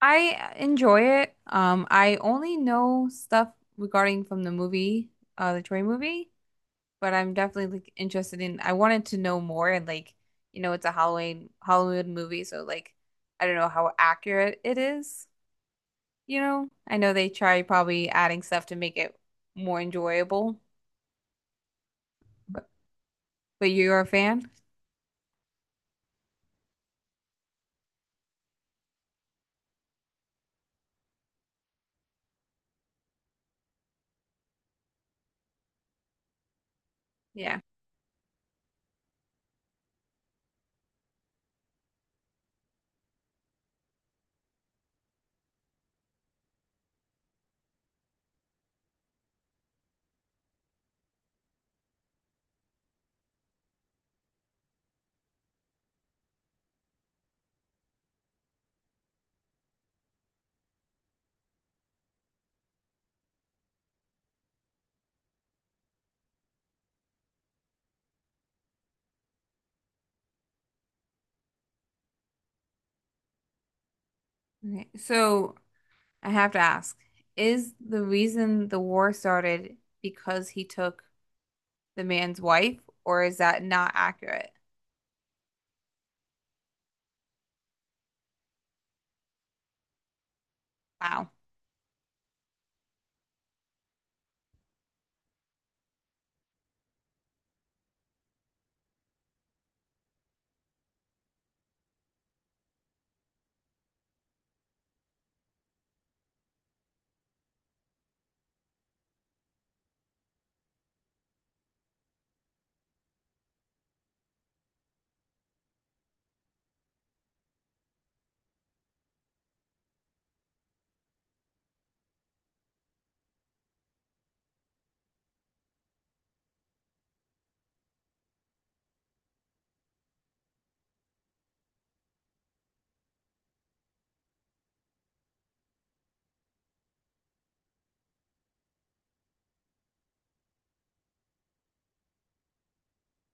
I enjoy it. I only know stuff regarding from the movie, the Troy movie, but I'm definitely like interested in. I wanted to know more, and like, it's a Halloween Hollywood movie, so like, I don't know how accurate it is. You know, I know they try probably adding stuff to make it more enjoyable, but but you're a fan? Yeah. Okay. So I have to ask, is the reason the war started because he took the man's wife, or is that not accurate? Wow.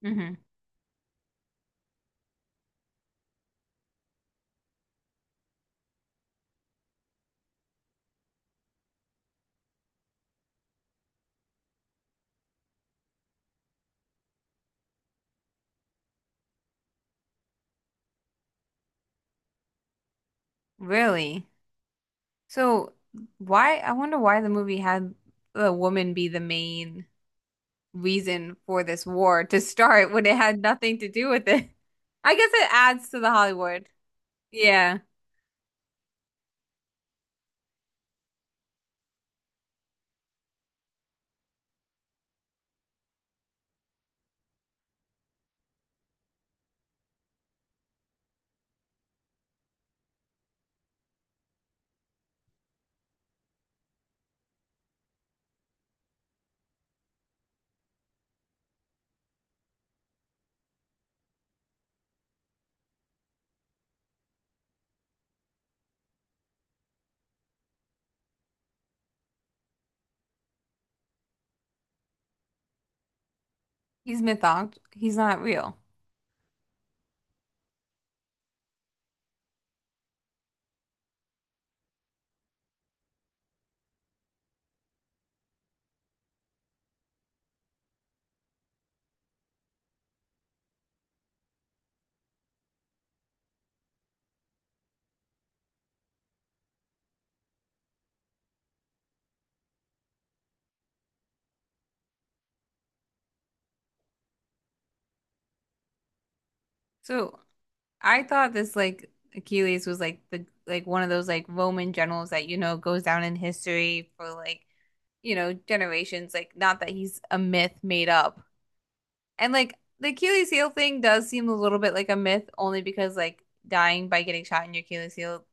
Hmm. Really? So why, I wonder why the movie had the woman be the main reason for this war to start when it had nothing to do with it. I guess it adds to the Hollywood. Yeah. He's mythologized. He's not real. So I thought this like Achilles was like the like one of those like Roman generals that you know goes down in history for like you know generations. Like not that he's a myth made up, and like the Achilles heel thing does seem a little bit like a myth, only because like dying by getting shot in your Achilles heel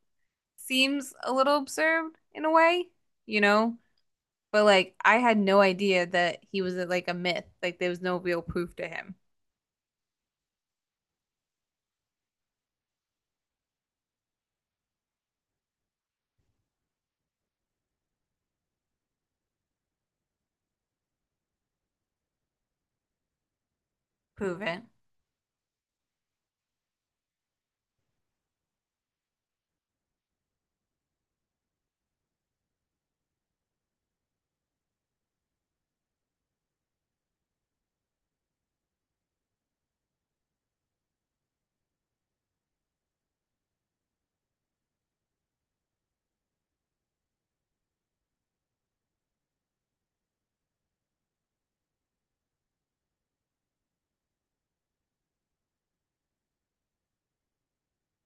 seems a little absurd in a way, you know? But like I had no idea that he was like a myth. Like there was no real proof to him. Prove it.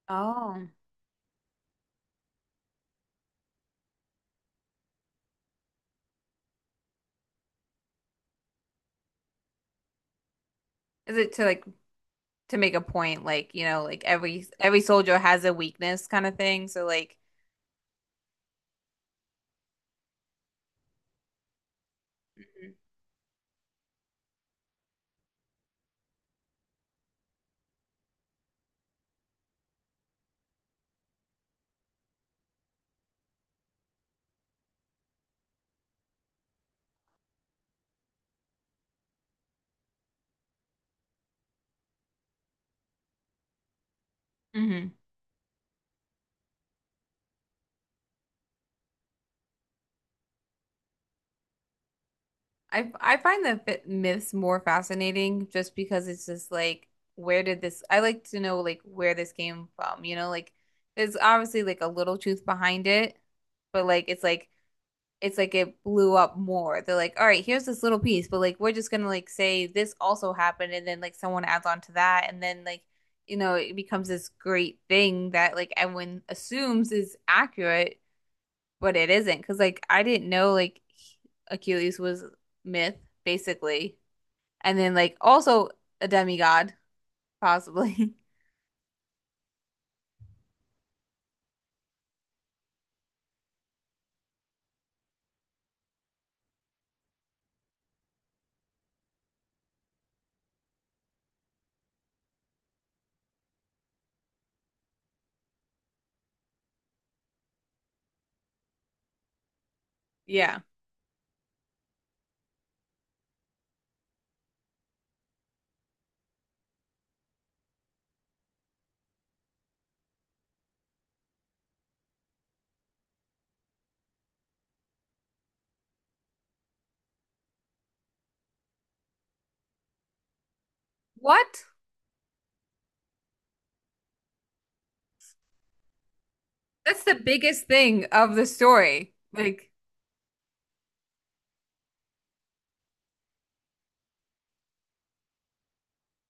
Oh. Is it to like to make a point, like, you know, like every soldier has a weakness kind of thing. So like mhm. I find the fit myths more fascinating just because it's just like where did this I like to know like where this came from, you know, like there's obviously like a little truth behind it, but like it's like it's like it blew up more. They're like, all right, here's this little piece, but like we're just gonna like say this also happened and then like someone adds on to that and then like you know it becomes this great thing that like everyone assumes is accurate but it isn't because like I didn't know like Achilles was myth basically, and then like also a demigod possibly. Yeah. What? That's the biggest thing of the story. Like,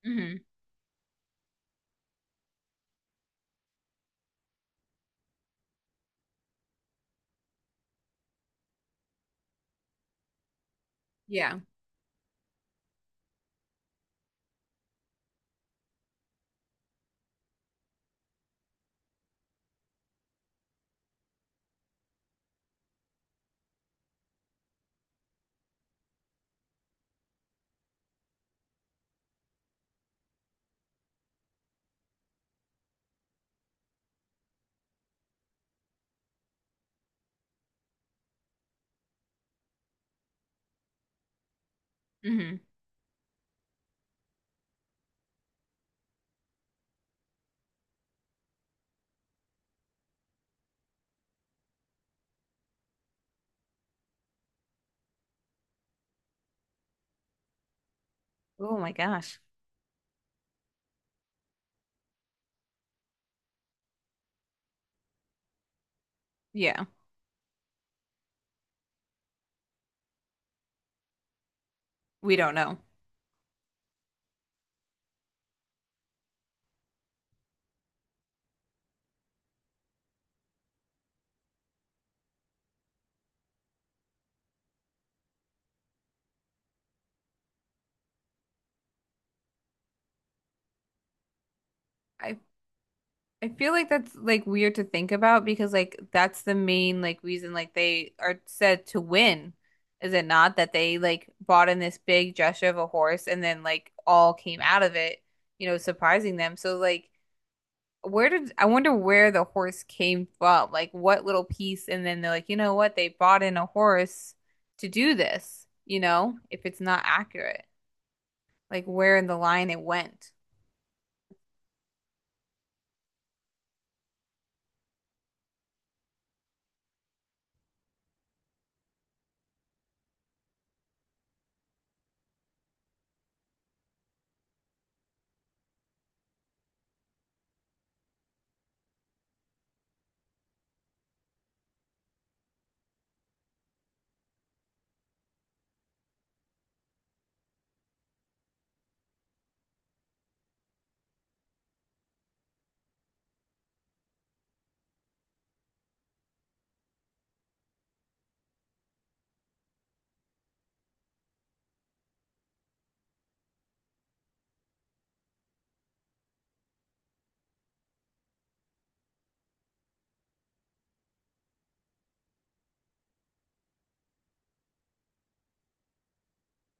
hmm. Yeah. Hmm. Oh my gosh. Yeah. We don't know. I I feel like that's like weird to think about because like that's the main like reason like they are said to win, is it not? That they like bought in this big gesture of a horse and then like all came out of it, you know, surprising them. So like where did I wonder where the horse came from? Like what little piece and then they're like, you know what, they bought in a horse to do this, you know, if it's not accurate like where in the line it went.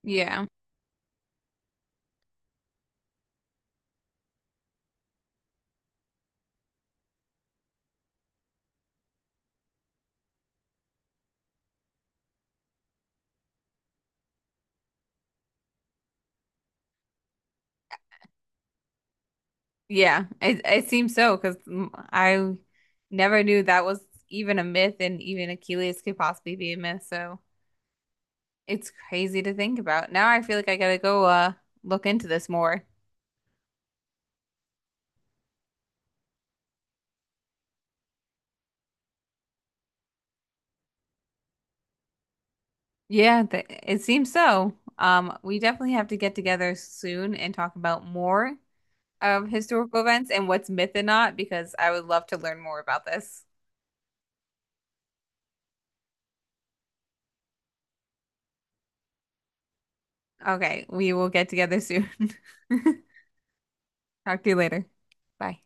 Yeah. Yeah. It seems so because I never knew that was even a myth and even Achilles could possibly be a myth. So it's crazy to think about. Now I feel like I gotta go look into this more. Yeah, th it seems so. We definitely have to get together soon and talk about more of historical events and what's myth and not, because I would love to learn more about this. Okay, we will get together soon. Talk to you later. Bye.